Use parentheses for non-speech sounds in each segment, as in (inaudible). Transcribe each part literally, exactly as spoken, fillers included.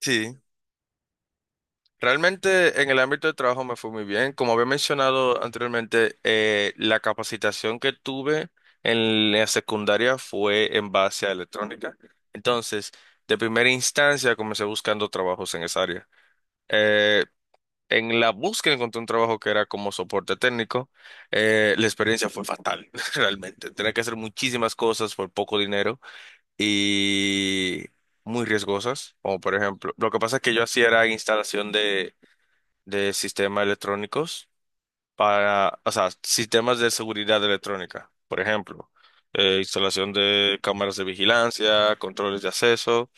Sí, realmente en el ámbito de trabajo me fue muy bien. Como había mencionado anteriormente, eh, la capacitación que tuve en la secundaria fue en base a electrónica. Entonces, de primera instancia comencé buscando trabajos en esa área. Eh, en la búsqueda encontré un trabajo que era como soporte técnico. Eh, la experiencia fue fatal, (laughs) realmente. Tenía que hacer muchísimas cosas por poco dinero y muy riesgosas, como por ejemplo, lo que pasa es que yo hacía era instalación de de sistemas electrónicos para, o sea, sistemas de seguridad electrónica, por ejemplo, eh, instalación de cámaras de vigilancia, controles de acceso,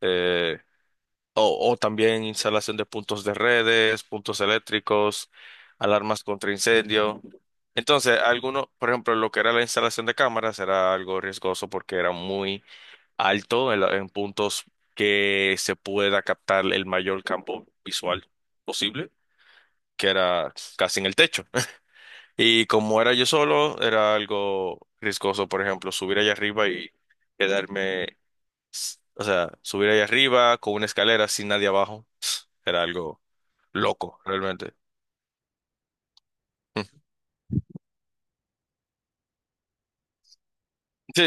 eh, o, o también instalación de puntos de redes, puntos eléctricos, alarmas contra incendio. Entonces, algunos, por ejemplo, lo que era la instalación de cámaras era algo riesgoso porque era muy alto en, la- en puntos que se pueda captar el mayor campo visual posible, que era casi en el techo. (laughs) Y como era yo solo, era algo riesgoso, por ejemplo, subir allá arriba y quedarme, s- o sea, subir allá arriba con una escalera sin nadie abajo, era algo loco, realmente. (laughs) Sí,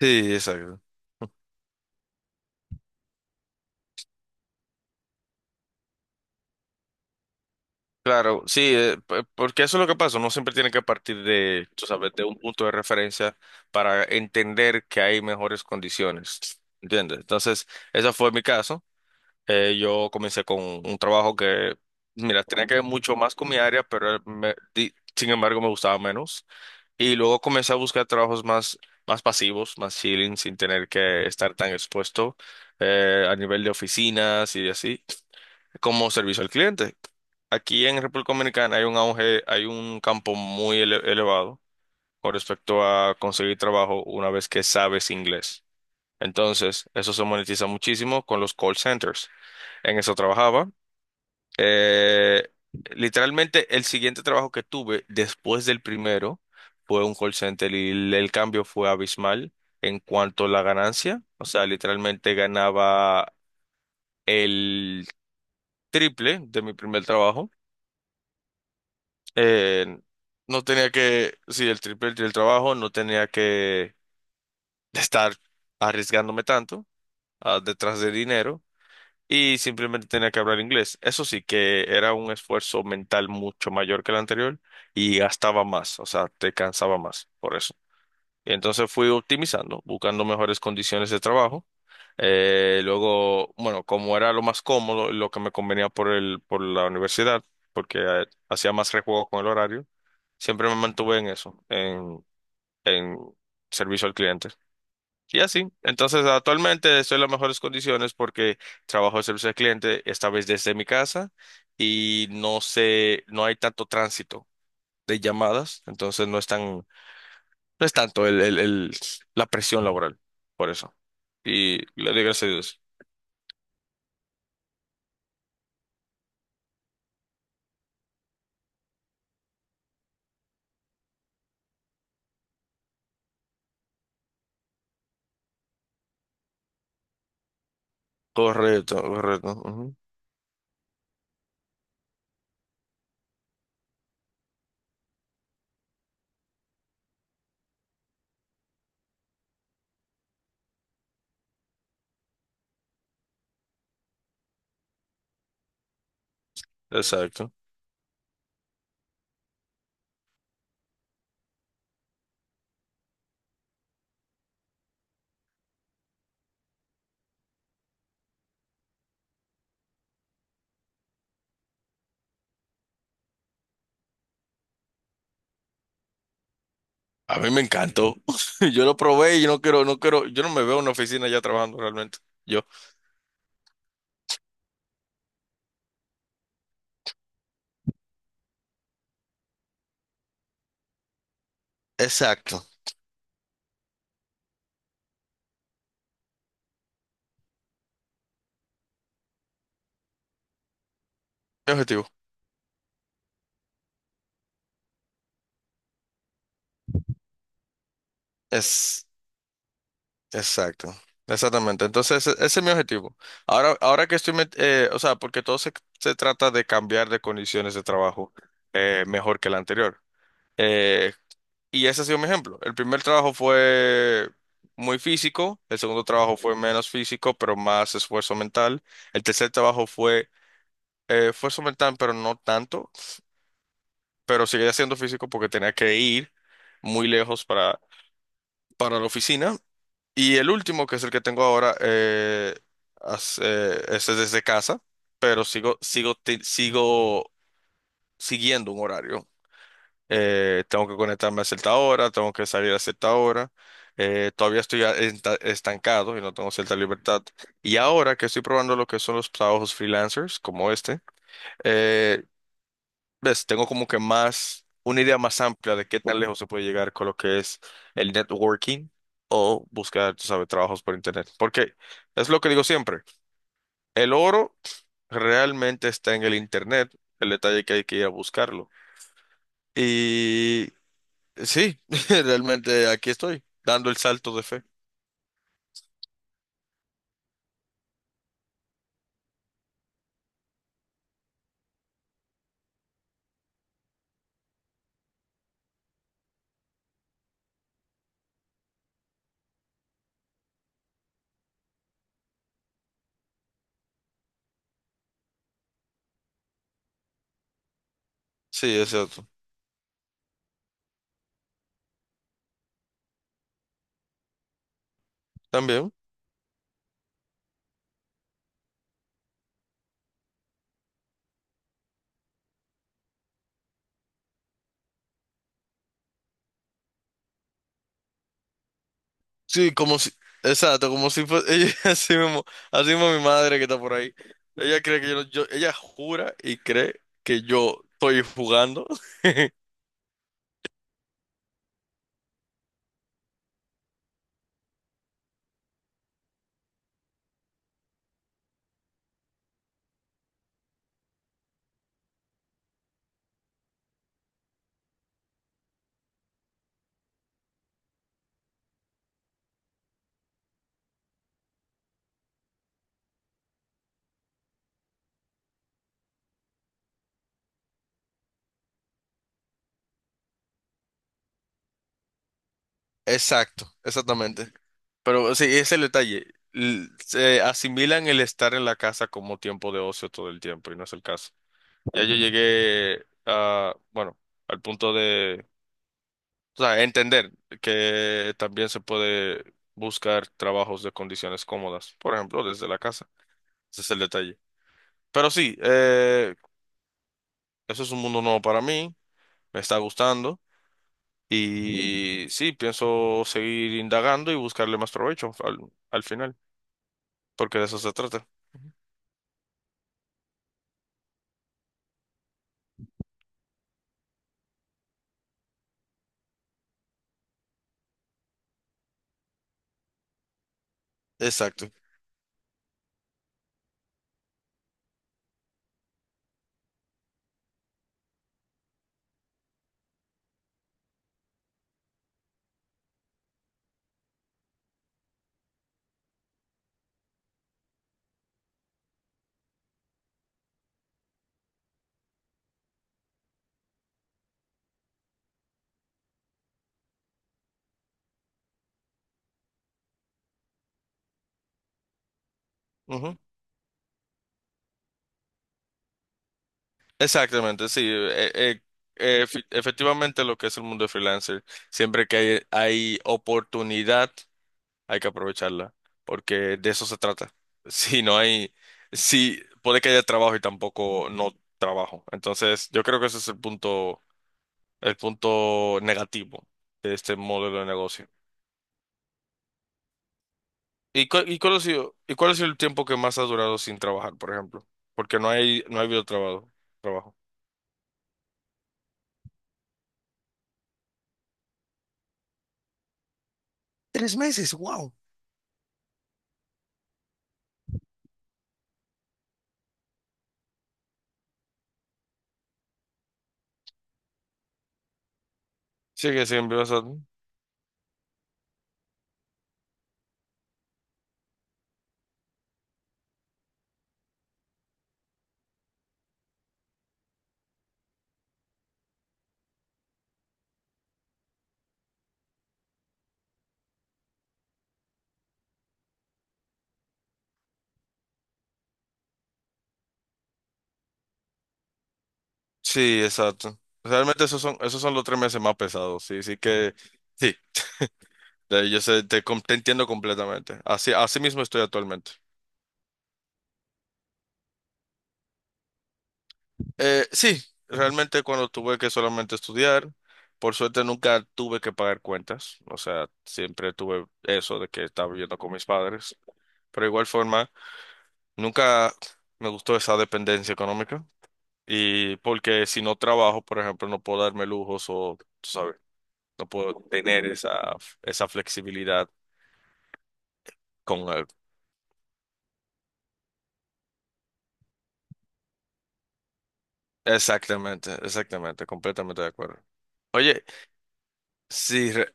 sí, exacto. Claro, sí, eh, p- porque eso es lo que pasa, uno siempre tiene que partir de, tú sabes, de un punto de referencia para entender que hay mejores condiciones, ¿entiendes? Entonces, ese fue mi caso. Eh, yo comencé con un trabajo que, mira, tenía que ver mucho más con mi área, pero me- di- sin embargo me gustaba menos. Y luego comencé a buscar trabajos más, más pasivos, más chilling, sin tener que estar tan expuesto eh, a nivel de oficinas y así, como servicio al cliente. Aquí en República Dominicana hay un auge, hay un campo muy ele- elevado con respecto a conseguir trabajo una vez que sabes inglés. Entonces, eso se monetiza muchísimo con los call centers. En eso trabajaba. Eh, literalmente el siguiente trabajo que tuve después del primero fue un call center y el, el cambio fue abismal en cuanto a la ganancia. O sea, literalmente ganaba el triple de mi primer trabajo. Eh, no tenía que, sí, el triple del trabajo, no tenía que estar arriesgándome tanto ah, detrás de dinero. Y simplemente tenía que hablar inglés. Eso sí que era un esfuerzo mental mucho mayor que el anterior y gastaba más, o sea, te cansaba más por eso. Y entonces fui optimizando, buscando mejores condiciones de trabajo. Eh, luego, bueno, como era lo más cómodo, lo que me convenía por el, por la universidad, porque eh, hacía más rejuego con el horario, siempre me mantuve en eso, en, en servicio al cliente. Y así. Entonces, actualmente estoy en las mejores condiciones porque trabajo de servicio al cliente, esta vez desde mi casa, y no sé, no hay tanto tránsito de llamadas, entonces no es tan, no es tanto el, el, el- la presión laboral, por eso. Y le doy gracias a Dios. Correcto, correcto. Ujú. Exacto. A mí me encantó. (laughs) Yo lo probé y no quiero, no quiero, yo no me veo en una oficina ya trabajando realmente. Yo. Exacto. Mi objetivo. Es. Exacto, exactamente. Entonces, e- ese es mi objetivo. Ahora, ahora que estoy, met- eh, o sea, porque todo se, se trata de cambiar de condiciones de trabajo eh, mejor que el anterior. Eh, y ese ha sido mi ejemplo. El primer trabajo fue muy físico, el segundo trabajo fue menos físico, pero más esfuerzo mental. El tercer trabajo fue eh, esfuerzo mental, pero no tanto, pero seguía siendo físico porque tenía que ir muy lejos para, para, la oficina. Y el último, que es el que tengo ahora, eh, as- eh, ese es desde casa, pero sigo, sigo, te- sigo siguiendo un horario. Eh, tengo que conectarme a cierta hora, tengo que salir a cierta hora. Eh, todavía estoy a- enta- estancado y no tengo cierta libertad. Y ahora que estoy probando lo que son los trabajos freelancers, como este, eh, ves, tengo como que más, una idea más amplia de qué tan lejos se puede llegar con lo que es el networking o buscar, tú sabes, trabajos por internet. Porque es lo que digo siempre, el oro realmente está en el internet, el detalle que hay que ir a buscarlo. Y sí, (laughs) realmente aquí estoy, dando el salto de fe. Sí, es cierto. También. Sí, como si, exacto, como si fuese, ella, (laughs) así mismo, así mismo mi madre que está por ahí. Ella cree que yo, no- yo, ella jura y cree que yo estoy jugando. (laughs) Exacto, exactamente. Pero sí, ese es el detalle. L- Se asimilan el estar en la casa como tiempo de ocio todo el tiempo y no es el caso. Ya yo llegué a, bueno, al punto de, o sea, entender que también se puede buscar trabajos de condiciones cómodas, por ejemplo, desde la casa. Ese es el detalle. Pero sí, eh, eso es un mundo nuevo para mí, me está gustando y sí, pienso seguir indagando y buscarle más provecho al, al final, porque de eso se trata. Exacto. Ujú. Exactamente, sí. eh, eh, eh, efe- efectivamente lo que es el mundo de freelancer, siempre que hay, hay oportunidad, hay que aprovecharla, porque de eso se trata. (laughs) Si no hay, si puede que haya trabajo y tampoco no trabajo. Entonces, yo creo que ese es el punto el punto negativo de este modelo de negocio. ¿Y, cu- y cuál ha sido, y cuál ha sido el tiempo que más has durado sin trabajar, por ejemplo? Porque no hay, no ha habido trabajo, trabajo. Sí, que sí, en vivo. Sí, exacto. Realmente esos son, esos son los tres meses más pesados. Sí, sí que, sí. Eh, yo sé, te, com- te entiendo completamente. Así, así mismo estoy actualmente. Eh, sí, realmente cuando tuve que solamente estudiar, por suerte nunca tuve que pagar cuentas. O sea, siempre tuve eso de que estaba viviendo con mis padres. Pero de igual forma, nunca me gustó esa dependencia económica. Y porque si no trabajo, por ejemplo, no puedo darme lujos o, tú sabes, no puedo tener esa, esa flexibilidad con él. Exactamente, exactamente, completamente de acuerdo. Oye, si re-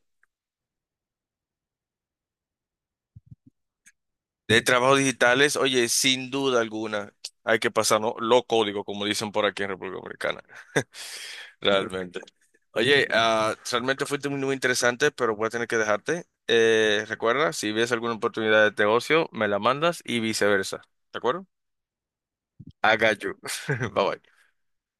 de trabajos digitales, oye, sin duda alguna, hay que pasar, ¿no? Lo código, como dicen por aquí en República Dominicana. Realmente. Oye, ah, realmente fuiste muy, muy interesante, pero voy a tener que dejarte. Eh, recuerda, si ves alguna oportunidad de negocio, me la mandas y viceversa. ¿De acuerdo? I got you. (laughs) Bye bye.